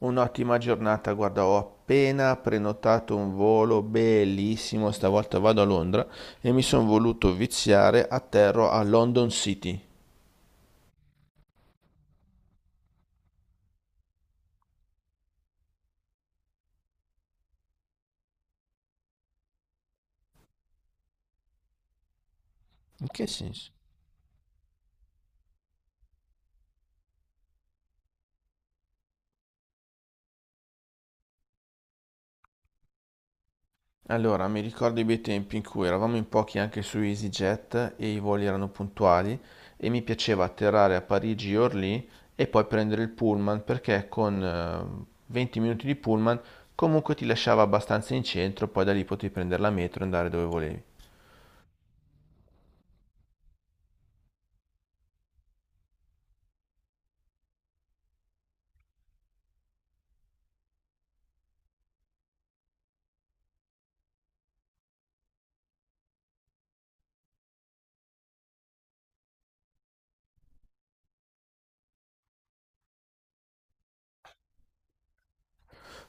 Un'ottima giornata, guarda, ho appena prenotato un volo bellissimo, stavolta vado a Londra e mi sono voluto viziare, atterro a London City. In che senso? Allora, mi ricordo i bei tempi in cui eravamo in pochi anche su EasyJet e i voli erano puntuali e mi piaceva atterrare a Parigi e Orly e poi prendere il pullman perché con 20 minuti di pullman comunque ti lasciava abbastanza in centro, poi da lì potevi prendere la metro e andare dove volevi.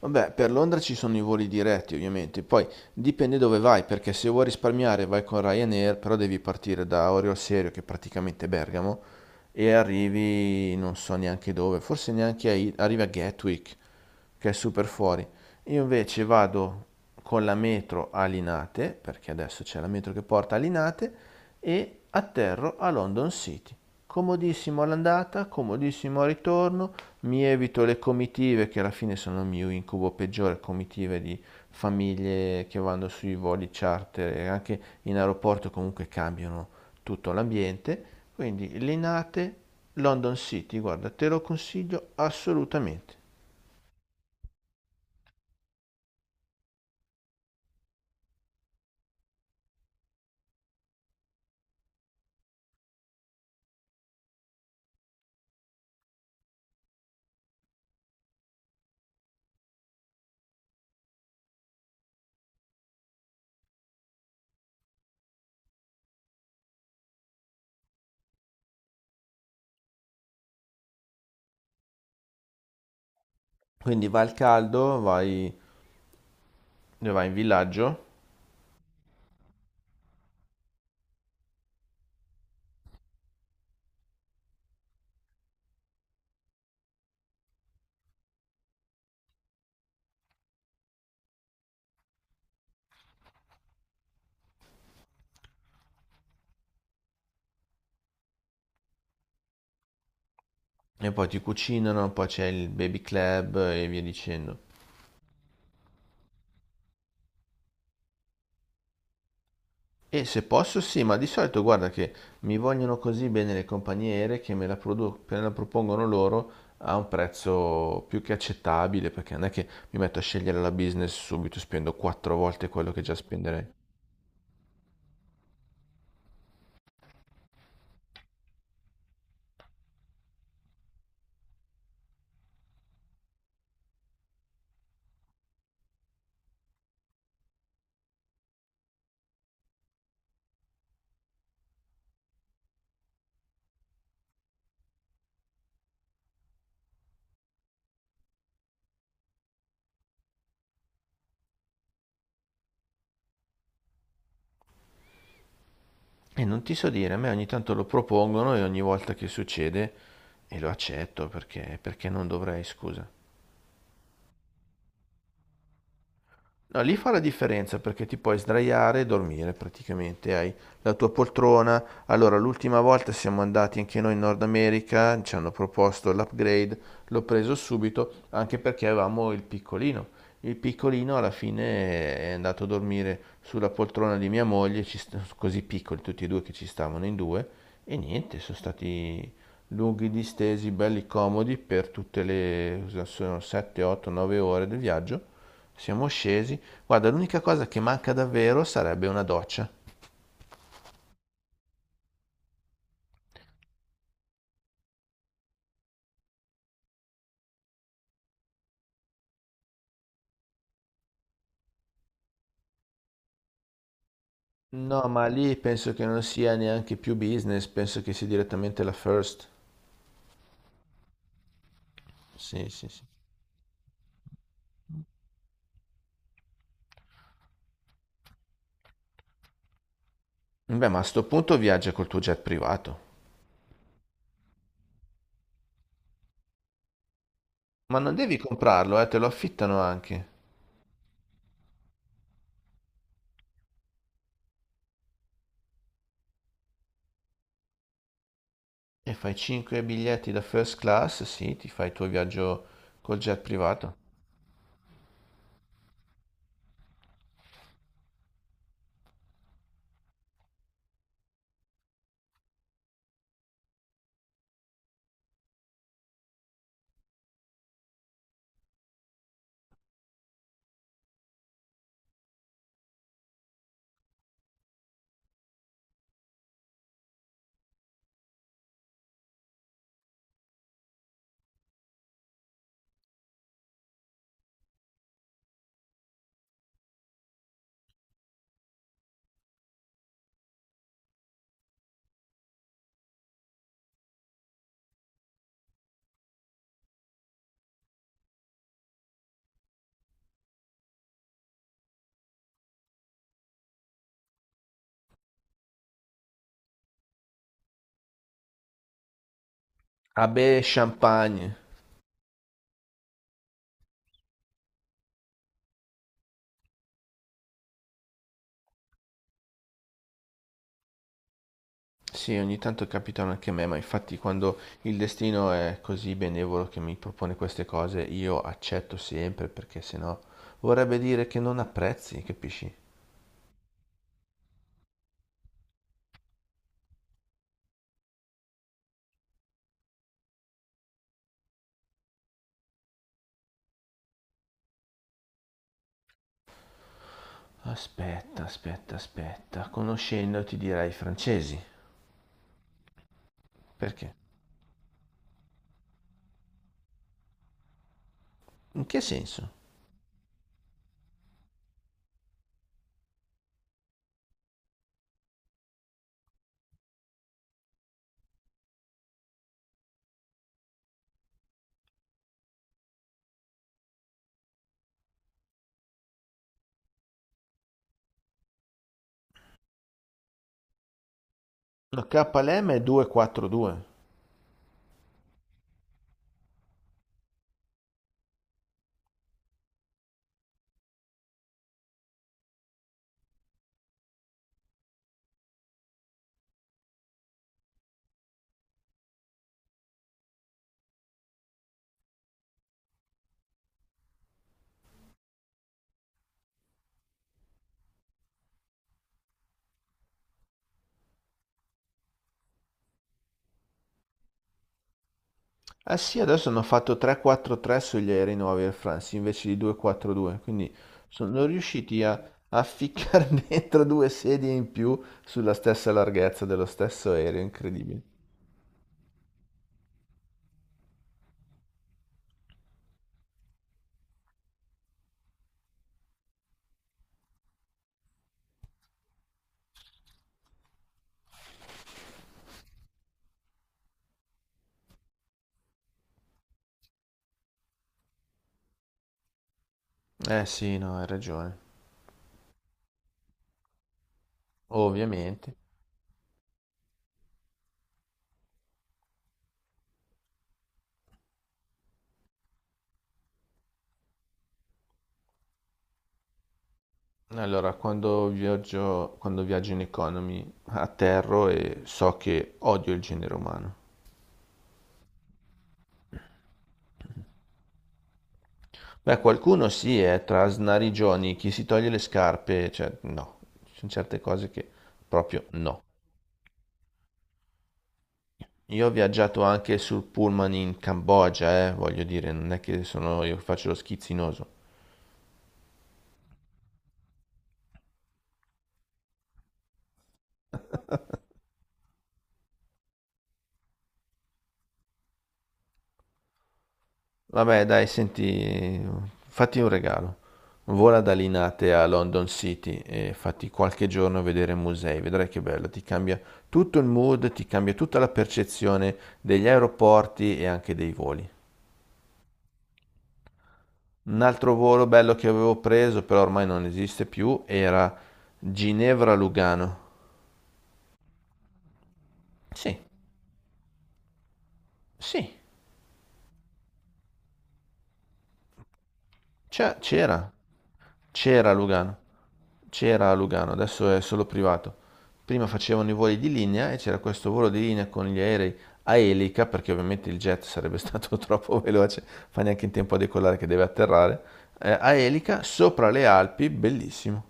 Vabbè, per Londra ci sono i voli diretti ovviamente, poi dipende dove vai, perché se vuoi risparmiare vai con Ryanair, però devi partire da Orio al Serio, che è praticamente Bergamo, e arrivi non so neanche dove, forse neanche arrivi a Gatwick, che è super fuori. Io invece vado con la metro a Linate, perché adesso c'è la metro che porta a Linate, e atterro a London City. Comodissimo all'andata, comodissimo al ritorno, mi evito le comitive che alla fine sono il mio incubo peggiore, comitive di famiglie che vanno sui voli charter e anche in aeroporto comunque cambiano tutto l'ambiente. Quindi Linate, London City, guarda, te lo consiglio assolutamente. Quindi vai al caldo, vai, vai in villaggio e poi ti cucinano, poi c'è il baby club e via dicendo. E se posso sì, ma di solito guarda che mi vogliono così bene le compagnie aeree che me la, me la propongono loro a un prezzo più che accettabile, perché non è che mi metto a scegliere la business subito, spendo quattro volte quello che già spenderei. E non ti so dire, a me ogni tanto lo propongono e ogni volta che succede e lo accetto perché, perché non dovrei, scusa. No, lì fa la differenza perché ti puoi sdraiare e dormire praticamente, hai la tua poltrona. Allora, l'ultima volta siamo andati anche noi in Nord America, ci hanno proposto l'upgrade, l'ho preso subito anche perché avevamo il piccolino. Il piccolino alla fine è andato a dormire sulla poltrona di mia moglie, così piccoli tutti e due che ci stavano in due, e niente, sono stati lunghi distesi, belli comodi per tutte le cosa sono 7, 8, 9 ore del viaggio. Siamo scesi. Guarda, l'unica cosa che manca davvero sarebbe una doccia. No, ma lì penso che non sia neanche più business, penso che sia direttamente la first. Sì, sì, sì. Beh, ma a sto punto viaggia col tuo jet privato. Ma non devi comprarlo, te lo affittano anche. E fai 5 biglietti da first class, sì, ti fai il tuo viaggio col jet privato. Ah beh, champagne. Sì, ogni tanto capitano anche a me, ma infatti quando il destino è così benevolo che mi propone queste cose, io accetto sempre perché sennò vorrebbe dire che non apprezzi, capisci? Aspetta, aspetta, aspetta, conoscendo ti direi francesi. Perché? In che senso? La KLM è 242. Eh sì, adesso hanno fatto 3-4-3 sugli aerei nuovi Air France invece di 2-4-2, quindi sono riusciti a, ficcare dentro due sedie in più sulla stessa larghezza dello stesso aereo, incredibile. Eh sì, no, hai ragione. Ovviamente. Allora, quando viaggio in economy atterro e so che odio il genere umano. Beh, qualcuno sì, è tra snarigioni, chi si toglie le scarpe, cioè no, ci sono certe cose che proprio no. Io ho viaggiato anche sul pullman in Cambogia, voglio dire, non è che sono io che faccio lo schizzinoso. Vabbè, dai, senti, fatti un regalo. Vola da Linate a London City e fatti qualche giorno vedere musei, vedrai che bello, ti cambia tutto il mood, ti cambia tutta la percezione degli aeroporti e anche dei voli. Un altro volo bello che avevo preso, però ormai non esiste più, era Ginevra-Lugano. Sì, sì, c'era, c'era a Lugano, c'era a Lugano, adesso è solo privato. Prima facevano i voli di linea e c'era questo volo di linea con gli aerei a elica, perché ovviamente il jet sarebbe stato troppo veloce, fa neanche in tempo a decollare che deve atterrare, a elica sopra le Alpi, bellissimo.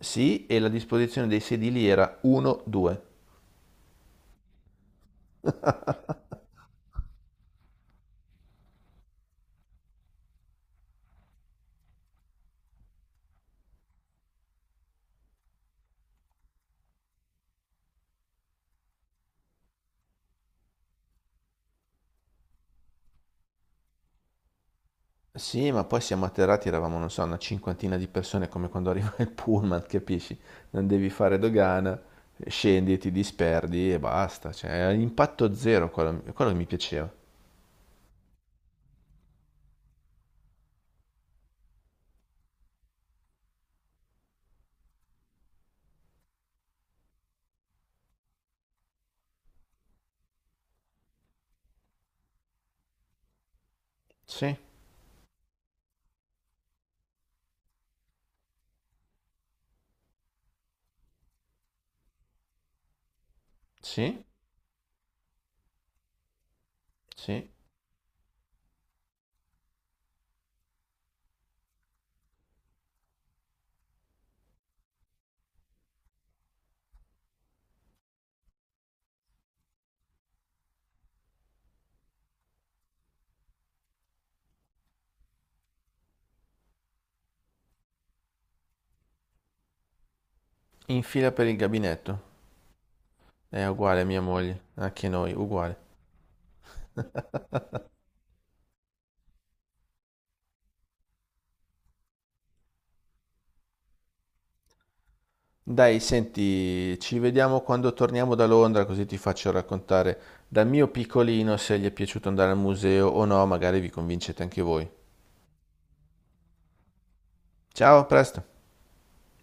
Sì, e la disposizione dei sedili era 1-2. Sì, ma poi siamo atterrati, eravamo, non so, una cinquantina di persone, come quando arriva il pullman, capisci? Non devi fare dogana, scendi e ti disperdi e basta. Cioè, è impatto zero quello, quello che mi piaceva. Sì, sì, sì. In fila per il gabinetto. È uguale a mia moglie, anche noi, uguale. Dai, senti, ci vediamo quando torniamo da Londra, così ti faccio raccontare dal mio piccolino se gli è piaciuto andare al museo o no, magari vi convincete anche voi. Ciao, a presto!